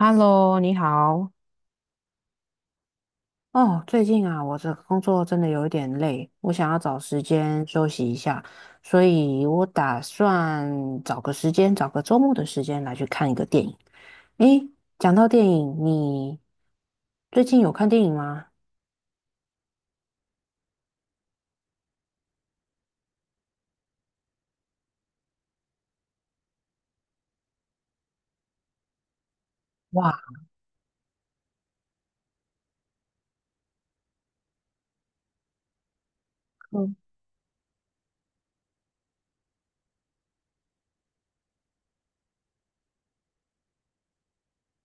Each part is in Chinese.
Hello，你好。哦，最近啊，我这工作真的有一点累，我想要找时间休息一下，所以我打算找个时间，找个周末的时间来去看一个电影。诶，讲到电影，你最近有看电影吗？哇。嗯。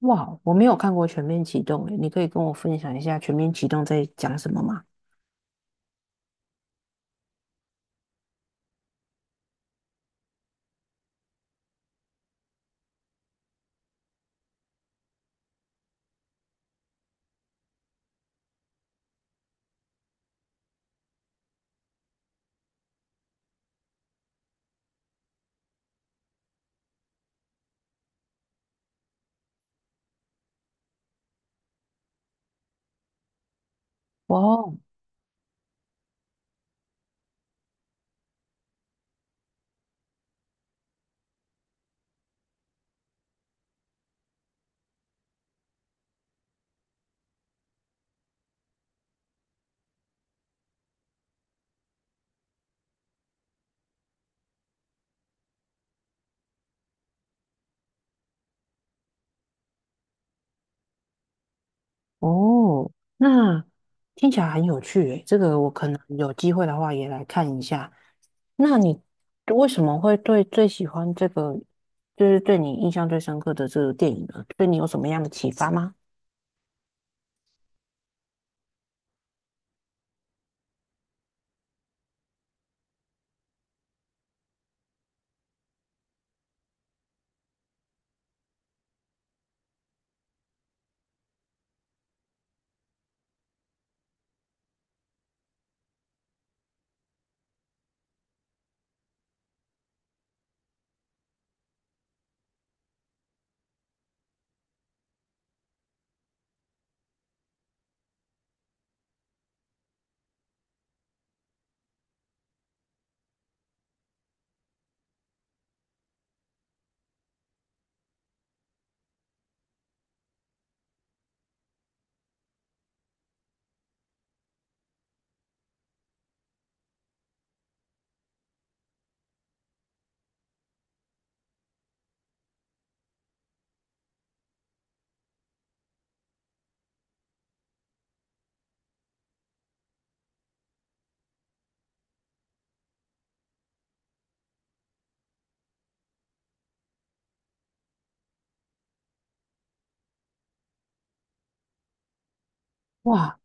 哇，我没有看过《全面启动》，诶，你可以跟我分享一下《全面启动》在讲什么吗？哦哦，那听起来很有趣诶，这个我可能有机会的话也来看一下。那你为什么会对最喜欢这个，就是对你印象最深刻的这个电影呢？对你有什么样的启发吗？哇，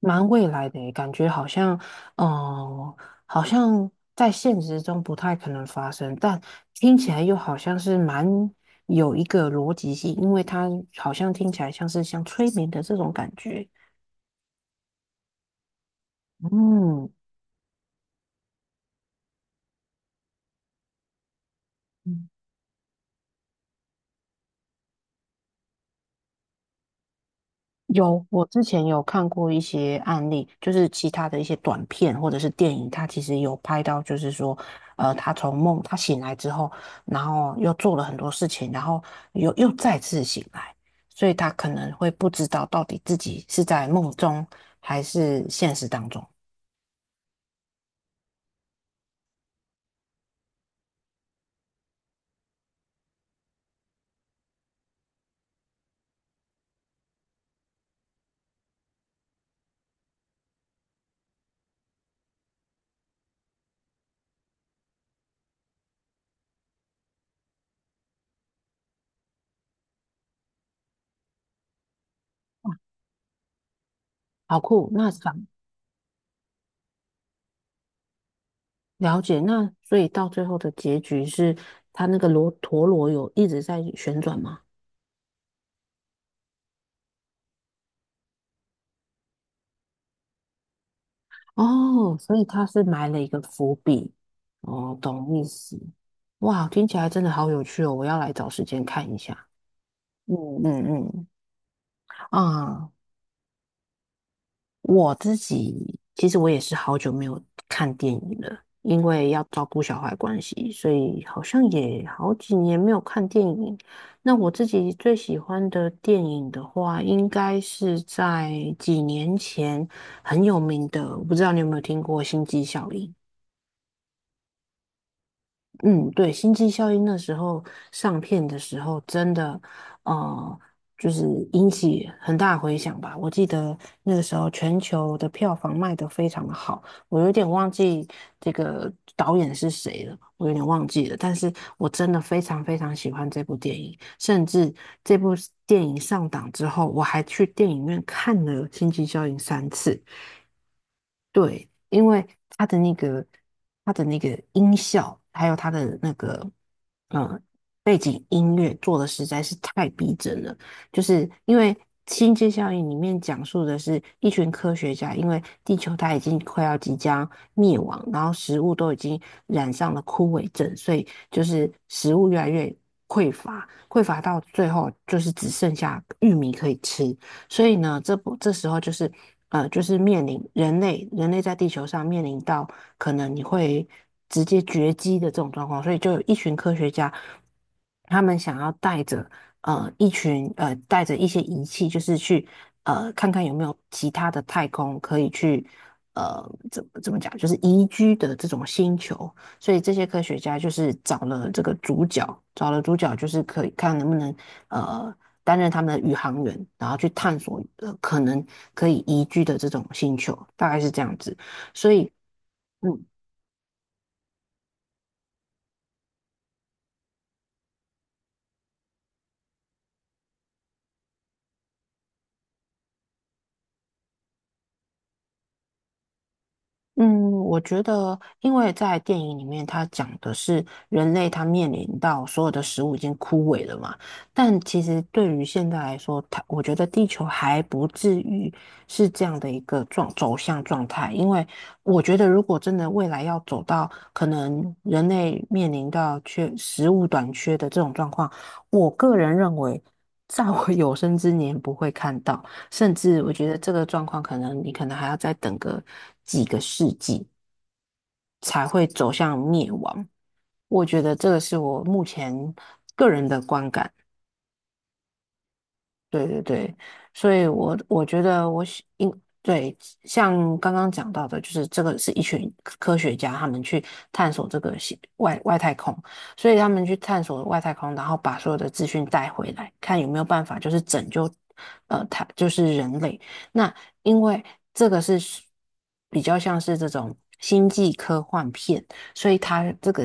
蛮未来的耶感觉好像。哦，好像在现实中不太可能发生，但听起来又好像是蛮有一个逻辑性，因为它好像听起来像是像催眠的这种感觉。嗯。有，我之前有看过一些案例，就是其他的一些短片或者是电影，它其实有拍到，就是说，他从梦他醒来之后，然后又做了很多事情，然后又再次醒来，所以他可能会不知道到底自己是在梦中还是现实当中。好酷，那想了解，那所以到最后的结局是，他那个罗陀螺有一直在旋转吗？哦，所以他是埋了一个伏笔。哦，懂意思。哇，听起来真的好有趣哦，我要来找时间看一下。嗯嗯嗯。啊，我自己其实我也是好久没有看电影了，因为要照顾小孩关系，所以好像也好几年没有看电影。那我自己最喜欢的电影的话，应该是在几年前很有名的，我不知道你有没有听过《星际效应》。嗯，对，《星际效应》那时候上片的时候，真的，呃，就是引起很大回响吧。我记得那个时候全球的票房卖得非常的好，我有点忘记这个导演是谁了，我有点忘记了。但是我真的非常非常喜欢这部电影，甚至这部电影上档之后，我还去电影院看了《星际效应》三次。对，因为它的那个它的那个音效，还有它的那个嗯背景音乐做的实在是太逼真了。就是因为《星际效应》里面讲述的是一群科学家，因为地球它已经快要即将灭亡，然后食物都已经染上了枯萎症，所以就是食物越来越匮乏，匮乏到最后就是只剩下玉米可以吃。所以呢，这不这时候就是就是面临人类在地球上面临到可能你会直接绝迹的这种状况，所以就有一群科学家，他们想要带着呃一群呃带着一些仪器，就是去看看有没有其他的太空可以去呃怎么讲，就是宜居的这种星球。所以这些科学家就是找了这个主角，找了主角就是可以看能不能呃担任他们的宇航员，然后去探索呃可能可以宜居的这种星球，大概是这样子。所以。嗯嗯，我觉得，因为在电影里面，它讲的是人类他面临到所有的食物已经枯萎了嘛，但其实对于现在来说，它我觉得地球还不至于是这样的一个走向状态，因为我觉得如果真的未来要走到可能人类面临到缺食物短缺的这种状况，我个人认为，在我有生之年不会看到。甚至我觉得这个状况可能你可能还要再等个几个世纪才会走向灭亡。我觉得这个是我目前个人的观感。对对对，所以我觉得我喜应对。像刚刚讲到的，就是这个是一群科学家他们去探索这个系外太空，所以他们去探索外太空，然后把所有的资讯带回来，看有没有办法就是拯救他就是人类。那因为这个是比较像是这种星际科幻片，所以它这个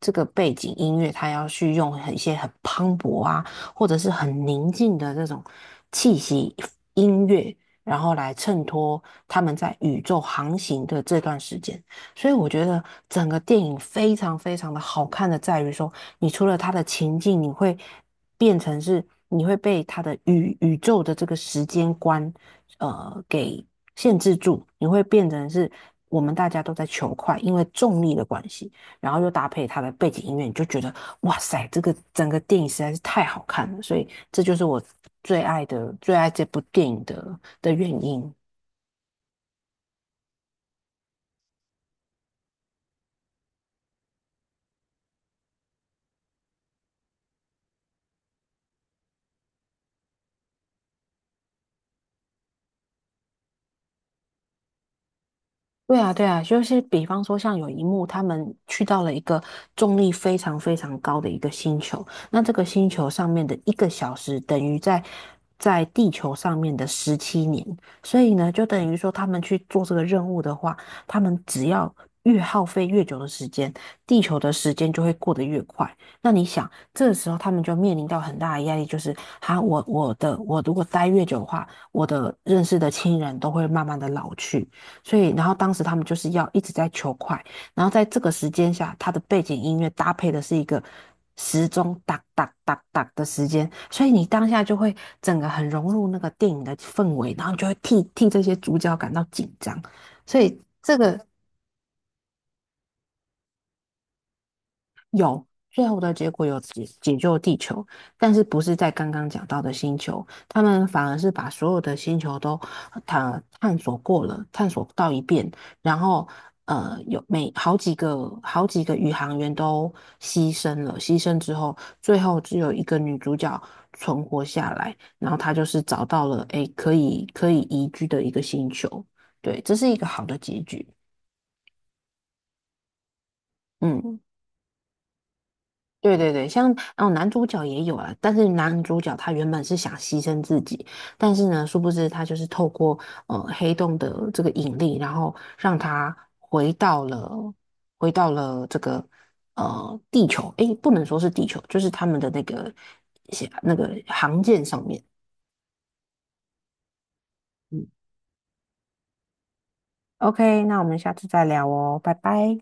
这个背景音乐，它要去用很一些很磅礴啊。或者是很宁静的这种气息音乐，然后来衬托他们在宇宙航行的这段时间。所以我觉得整个电影非常非常的好看的在于说，你除了它的情境，你会变成是你会被它的宇宙的这个时间观，给限制住，你会变成是我们大家都在求快，因为重力的关系。然后又搭配它的背景音乐，你就觉得哇塞，这个整个电影实在是太好看了，所以这就是我最爱这部电影的原因。对啊，对啊，就是比方说，像有一幕，他们去到了一个重力非常非常高的一个星球，那这个星球上面的一个小时等于在地球上面的17年，所以呢，就等于说他们去做这个任务的话，他们只要越耗费越久的时间，地球的时间就会过得越快。那你想，这个时候他们就面临到很大的压力，就是哈，我如果待越久的话，我的认识的亲人都会慢慢的老去。所以然后当时他们就是要一直在求快，然后在这个时间下，它的背景音乐搭配的是一个时钟哒哒哒哒的时间，所以你当下就会整个很融入那个电影的氛围，然后你就会替这些主角感到紧张，所以这个最后的结果有解救地球，但是不是在刚刚讲到的星球，他们反而是把所有的星球都探索过了，探索到一遍，然后呃有每好几个好几个宇航员都牺牲了，牺牲之后，最后只有一个女主角存活下来，然后她就是找到了诶可以宜居的一个星球，对，这是一个好的结局，嗯。对对对，像哦，男主角也有啊，但是男主角他原本是想牺牲自己，但是呢，殊不知他就是透过黑洞的这个引力，然后让他回到了这个地球，诶，不能说是地球，就是他们的那个航舰上面。嗯，OK，那我们下次再聊哦，拜拜。